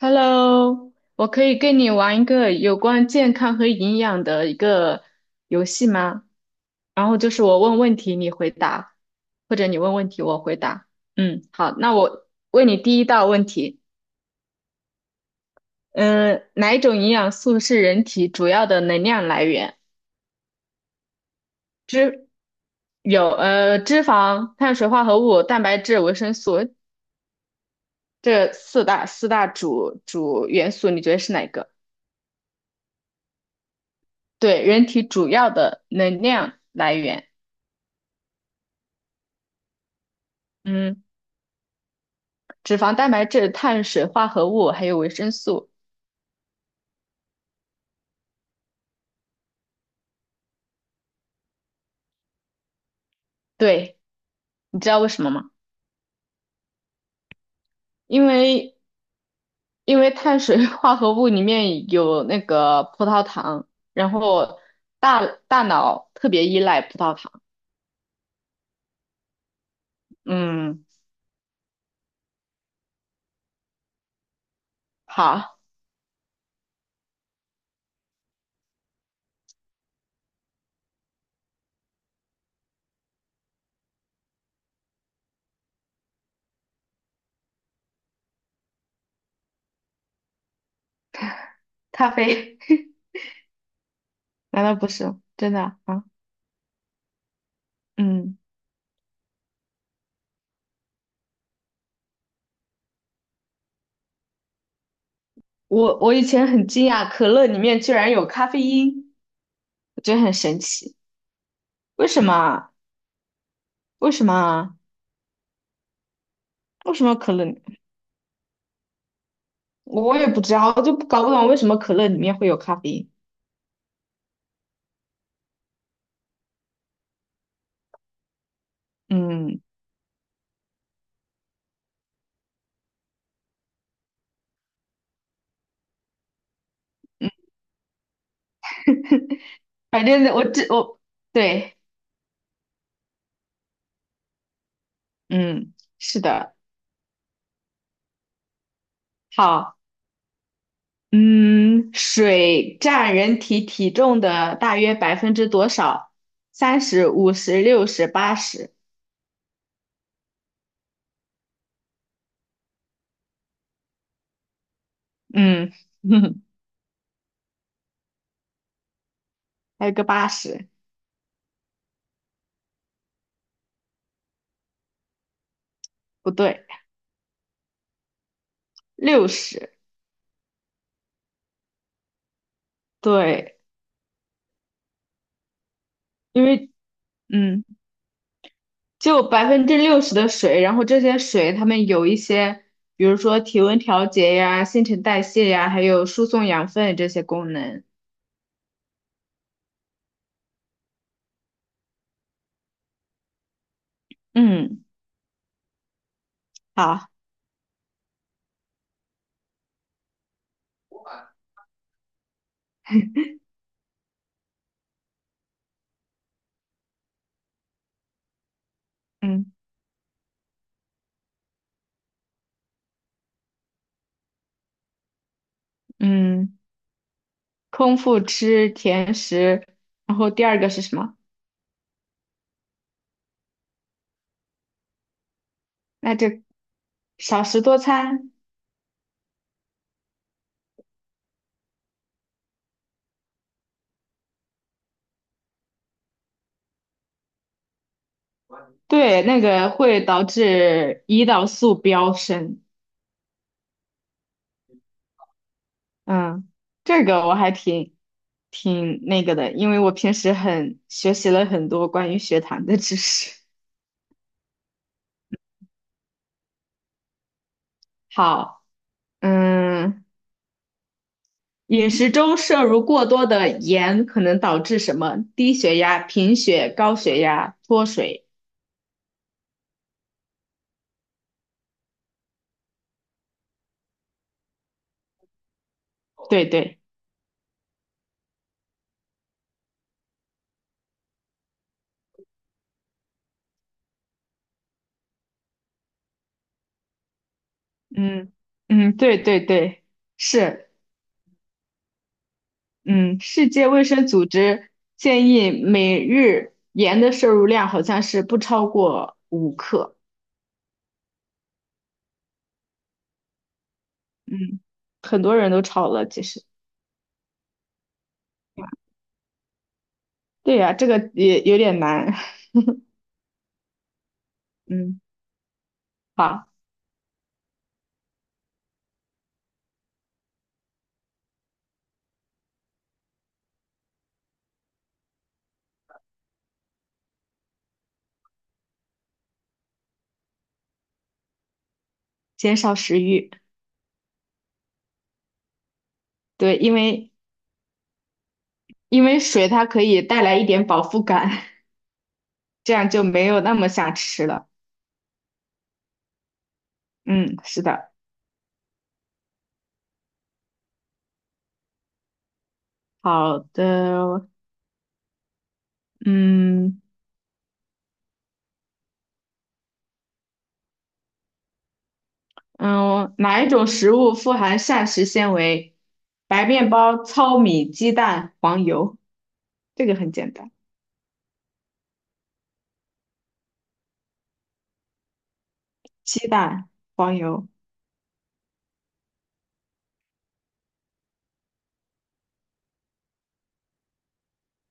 Hello，我可以跟你玩一个有关健康和营养的一个游戏吗？然后就是我问问题，你回答，或者你问问题，我回答。好，那我问你第一道问题，嗯，哪一种营养素是人体主要的能量来源？有脂肪、碳水化合物、蛋白质、维生素这四大主元素，你觉得是哪个？对，人体主要的能量来源。嗯。脂肪、蛋白质、碳水化合物还有维生素。对，你知道为什么吗？因为因为碳水 化合物里面有那个葡萄糖，然后大脑特别依赖葡萄糖。嗯，好，咖啡，难道不是真的啊？嗯，我以前很惊讶，可乐里面居然有咖啡因，我觉得很神奇。为什么啊？为什么啊？为什么可乐里我也不知道，我就搞不懂为什么可乐里面会有咖啡因。嗯嗯，反正我这我对，嗯，是的，好，嗯，水占人体体重的大约百分之多少？30、50、60、80，嗯，还有个80，不对，六十，对，因为嗯，就60%的水，然后这些水它们有一些，比如说体温调节呀、新陈代谢呀，还有输送养分这些功能，嗯，好。嗯。嗯，空腹吃甜食，然后第二个是什么？那这少食多餐，对，那个会导致胰岛素飙升。嗯，这个我还挺那个的，因为我平时很学习了很多关于血糖的知识。好，嗯，饮食中摄入过多的盐可能导致什么？低血压、贫血、高血压、脱水。对对。嗯嗯，对对对，是，嗯，世界卫生组织建议每日盐的摄入量好像是不超过5克，嗯，很多人都超了，其实，对呀，这个也有点难，嗯，好，减少食欲，对，因为水它可以带来一点饱腹感，这样就没有那么想吃了，嗯，是的，好的，嗯。嗯，哪一种食物富含膳食纤维？白面包、糙米、鸡蛋、黄油，这个很简单。鸡蛋、黄油，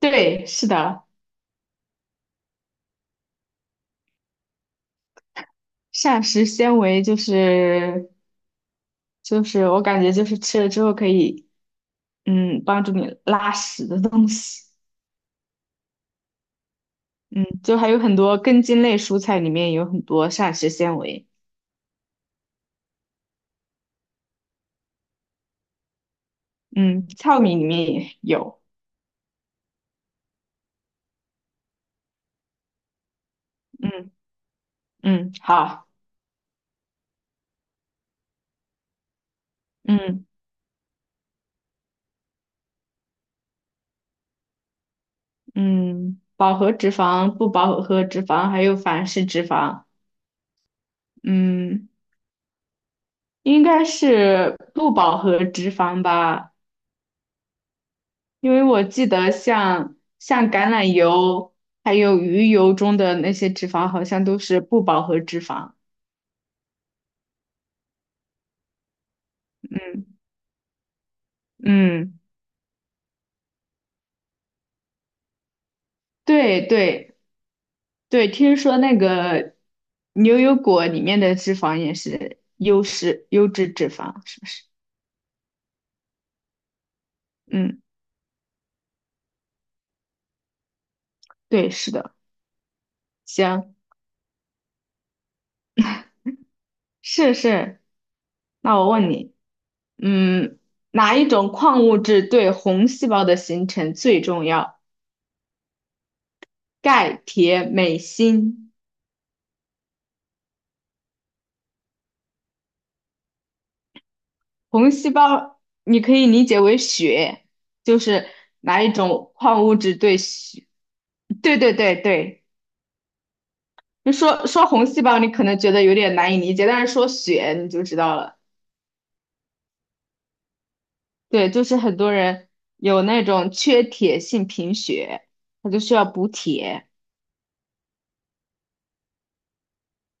对，是的，膳食纤维就是我感觉就是吃了之后可以帮助你拉屎的东西。嗯，就还有很多根茎类蔬菜里面有很多膳食纤维。嗯，糙米里面也有。嗯嗯，好，嗯。嗯，饱和脂肪、不饱和脂肪还有反式脂肪，嗯，应该是不饱和脂肪吧，因为我记得像橄榄油还有鱼油中的那些脂肪好像都是不饱和脂肪。嗯嗯，对对对，听说那个牛油果里面的脂肪也是优质脂肪，是不是？嗯，对，是的。行。是是，那我问你，嗯，哪一种矿物质对红细胞的形成最重要？钙、铁、镁、锌。红细胞你可以理解为血，就是哪一种矿物质对血？对对对对，就说说红细胞，你可能觉得有点难以理解，但是说血你就知道了。对，就是很多人有那种缺铁性贫血，他就需要补铁。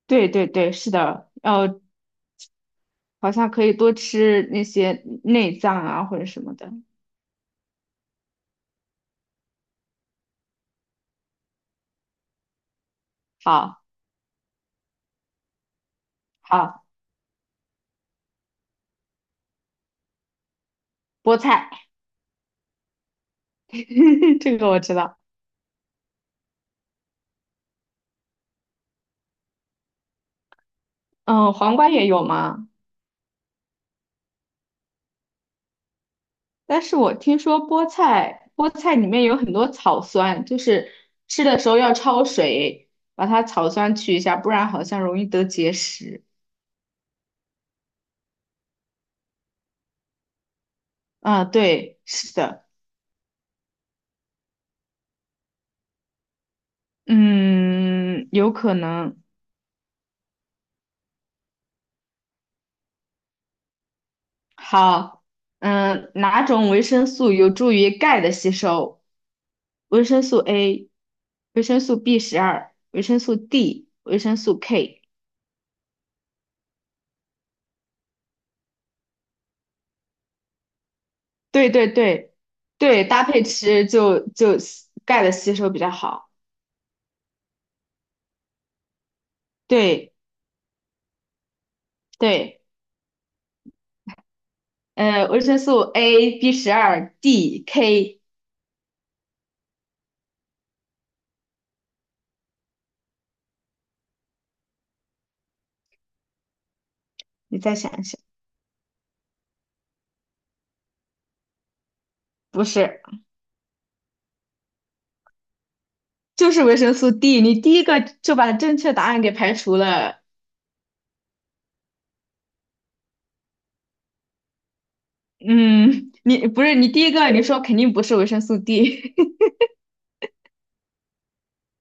对对对，是的，好像可以多吃那些内脏啊或者什么的。好，好，菠菜，这个我知道。嗯，黄瓜也有吗？但是我听说菠菜，菠菜里面有很多草酸，就是吃的时候要焯水，把它草酸去一下，不然好像容易得结石。啊，对，是的，嗯，有可能。好，哪种维生素有助于钙的吸收？维生素 A、维生素 B 十二、维生素 D、维生素 K。对对对对，搭配吃就钙的吸收比较好。对对，维生素 A、B 十二、D、K，你再想一想，不是，就是维生素 D，你第一个就把正确答案给排除了。嗯，你不是你第一个，你说肯定不是维生素 D。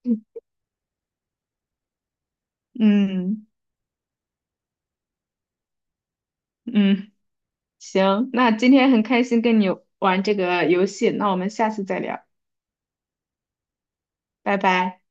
嗯嗯，行，那今天很开心跟你玩这个游戏，那我们下次再聊，拜拜。